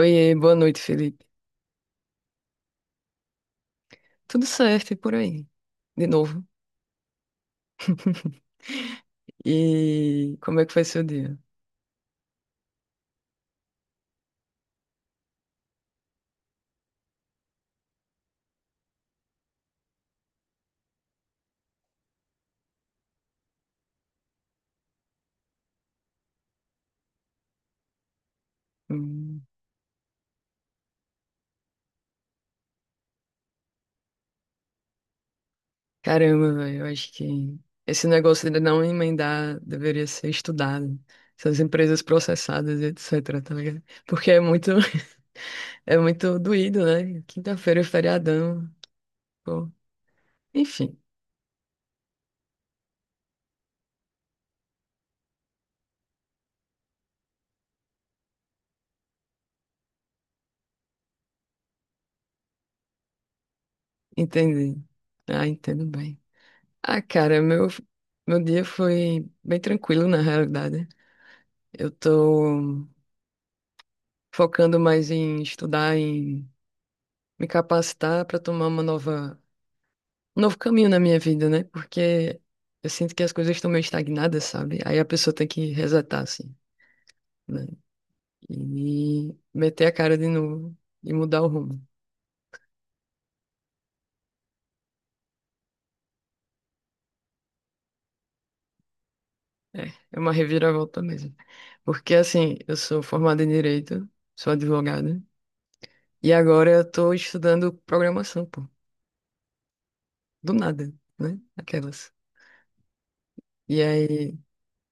Oiê, boa noite, Felipe. Tudo certo e por aí? De novo. E como é que foi seu dia? Hum. Caramba, velho, eu acho que esse negócio de não emendar deveria ser estudado. Essas empresas processadas, e etc, tá ligado? Porque é muito, é muito doído, né? Quinta-feira é feriadão, pô. Enfim, entendi. Ah, entendo bem. Ah, cara, meu dia foi bem tranquilo, na realidade. Eu tô focando mais em estudar, em me capacitar para tomar um novo caminho na minha vida, né? Porque eu sinto que as coisas estão meio estagnadas, sabe? Aí a pessoa tem que resetar, assim, né? E meter a cara de novo e mudar o rumo. É, é uma reviravolta mesmo. Porque, assim, eu sou formada em Direito, sou advogada, e agora eu tô estudando programação, pô. Do nada, né? Aquelas. E aí,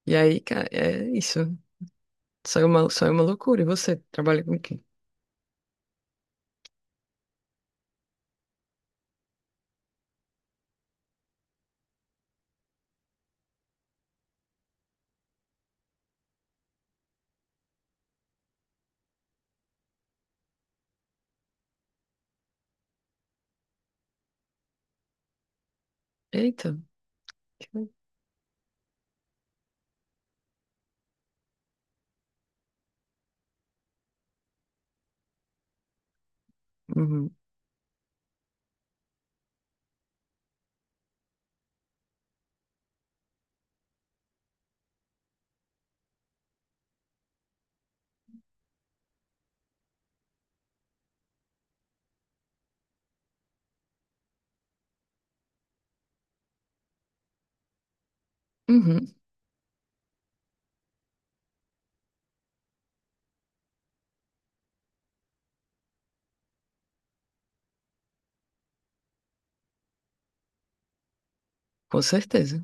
e aí, cara, é isso. Saiu uma loucura. E você trabalha com quem? Eita. que- Uhum. Uhum. Com certeza.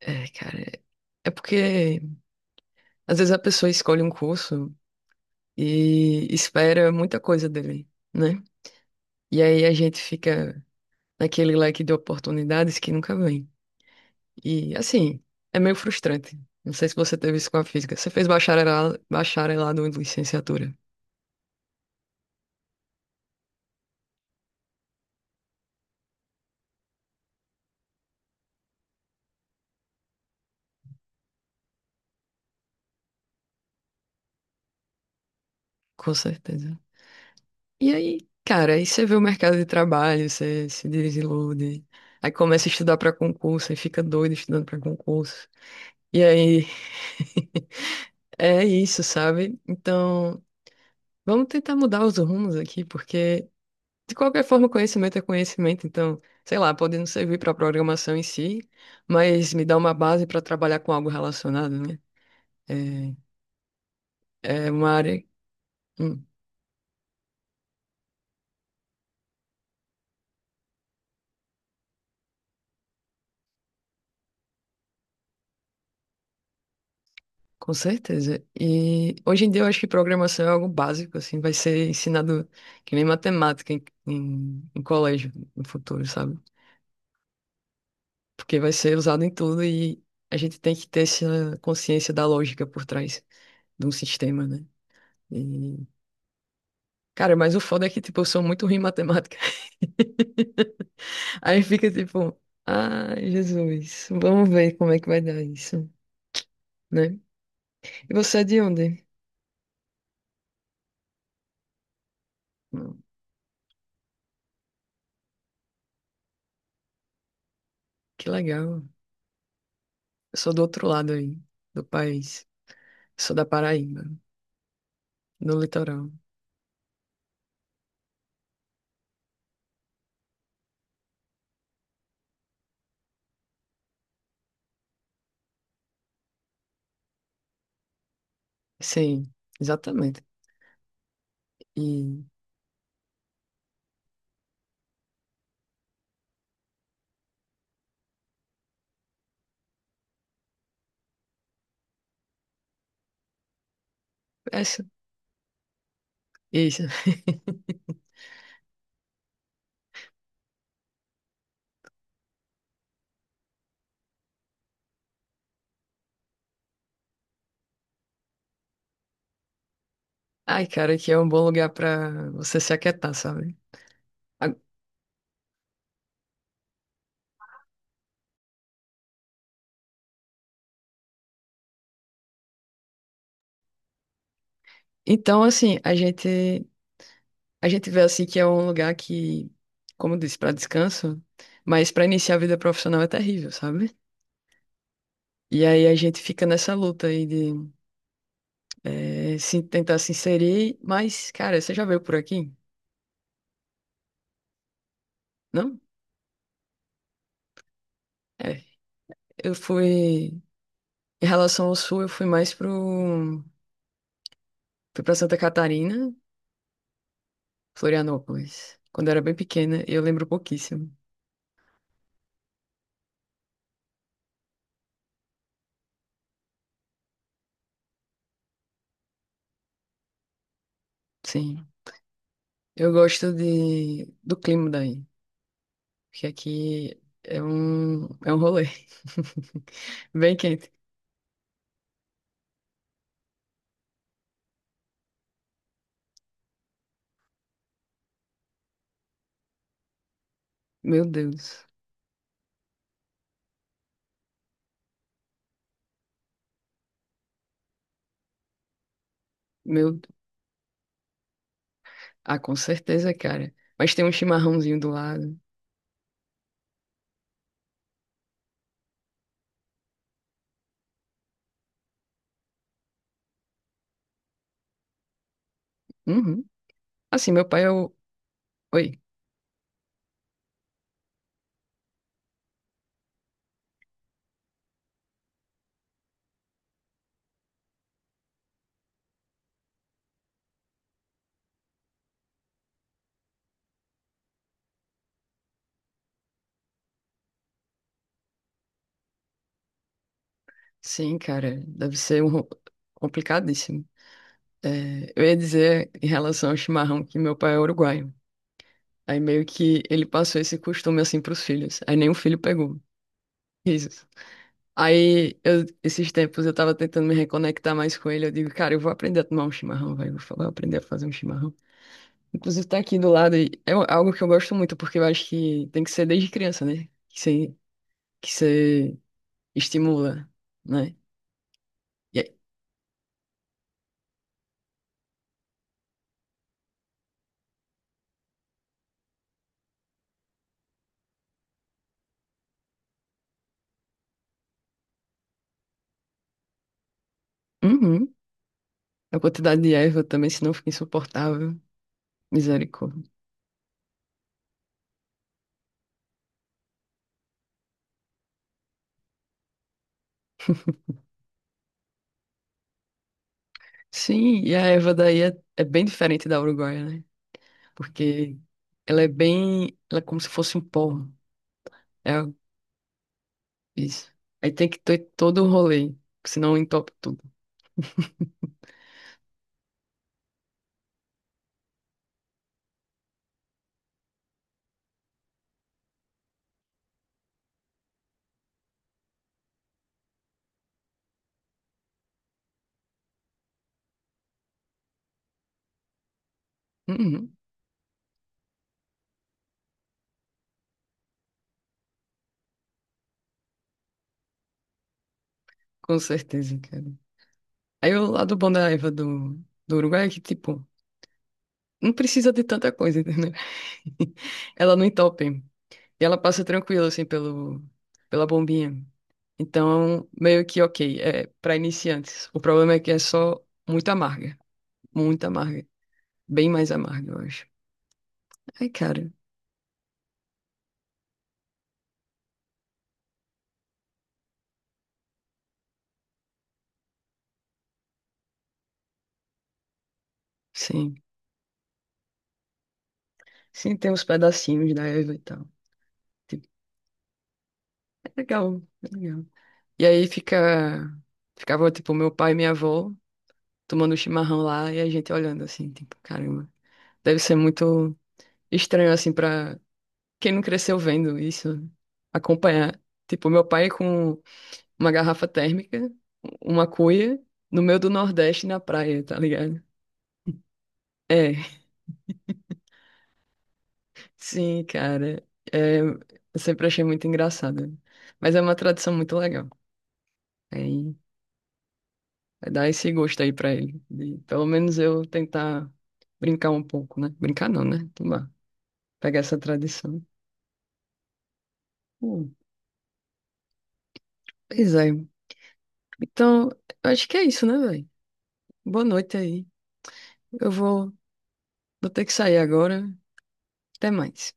É, cara. É porque às vezes a pessoa escolhe um curso e espera muita coisa dele, né? E aí a gente fica naquele leque de oportunidades que nunca vem. E assim, é meio frustrante. Não sei se você teve isso com a física. Você fez bacharelado, bacharelado em licenciatura. Com certeza. E aí, cara, aí você vê o mercado de trabalho, você se desilude. Aí começa a estudar pra concurso, aí fica doido estudando pra concurso. E aí, é isso, sabe? Então, vamos tentar mudar os rumos aqui, porque de qualquer forma, conhecimento é conhecimento. Então, sei lá, pode não servir pra programação em si, mas me dá uma base pra trabalhar com algo relacionado, né? É, é uma área. Hum. Com certeza. E hoje em dia eu acho que programação é algo básico, assim, vai ser ensinado que nem matemática em colégio no futuro, sabe? Porque vai ser usado em tudo e a gente tem que ter essa consciência da lógica por trás de um sistema, né? E, cara, mas o foda é que, tipo, eu sou muito ruim em matemática. Aí fica tipo, ai, Jesus, vamos ver como é que vai dar isso, né? E você é de onde? Hum. Que legal. Eu sou do outro lado aí, do país. Sou da Paraíba, no litoral. Sim, exatamente. E essa, isso. Ai, cara, que é um bom lugar pra você se aquietar, sabe? A- Então, assim, a gente vê assim que é um lugar que, como eu disse, pra descanso, mas pra iniciar a vida profissional é terrível, sabe? E aí a gente fica nessa luta aí de se tentar se inserir, mas, cara, você já veio por aqui? Não? É. Eu fui em relação ao sul, eu fui mais pro Fui pra Santa Catarina, Florianópolis, quando eu era bem pequena, e eu lembro pouquíssimo. Sim. Eu gosto do clima daí, porque aqui é um, rolê. Bem quente. Meu Deus. Meu, ah, com certeza, cara. Mas tem um chimarrãozinho do lado. Uhum. Assim, meu pai é o... Oi. Sim, cara. Deve ser um... complicadíssimo. É, eu ia dizer em relação ao chimarrão que meu pai é uruguaio. Aí meio que ele passou esse costume assim pros filhos. Aí nenhum filho pegou. Risos. Aí, esses tempos eu tava tentando me reconectar mais com ele. Eu digo, cara, eu vou aprender a tomar um chimarrão, vai. Eu vou aprender a fazer um chimarrão. Inclusive, tá aqui do lado. E algo que eu gosto muito, porque eu acho que tem que ser desde criança, né? Que você estimula, né? E aí, uhum. A quantidade de erva também, senão fica insuportável. Misericórdia. Sim, e a erva daí é bem diferente da uruguaia, né? Porque ela é bem, ela é como se fosse um pó. É isso. Aí tem que ter todo o rolê, senão entope tudo. Uhum, com certeza, cara. Aí o lado bom da erva do, Uruguai é que, tipo, não precisa de tanta coisa, entendeu? Ela não entope. E ela passa tranquila, assim, pelo, pela bombinha. Então, meio que ok, é para iniciantes. O problema é que é só muito amarga, muito amarga, bem mais amarga, eu acho. Ai, cara, sim. Sim, tem uns pedacinhos da Eva e tal. Tipo, é legal, é legal. E aí ficava tipo meu pai e minha avó tomando chimarrão lá e a gente olhando assim, tipo, caramba. Deve ser muito estranho assim pra quem não cresceu vendo isso, acompanhar. Tipo, meu pai com uma garrafa térmica, uma cuia, no meio do Nordeste na praia, tá ligado? É, sim, cara. É, eu sempre achei muito engraçado. Mas é uma tradição muito legal. Aí vai dar esse gosto aí pra ele. De, pelo menos eu tentar brincar um pouco, né? Brincar não, né? Tomar. Pegar essa tradição. Hum, pois é. Então, eu acho que é isso, né, velho? Boa noite aí. Eu vou, vou ter que sair agora. Até mais.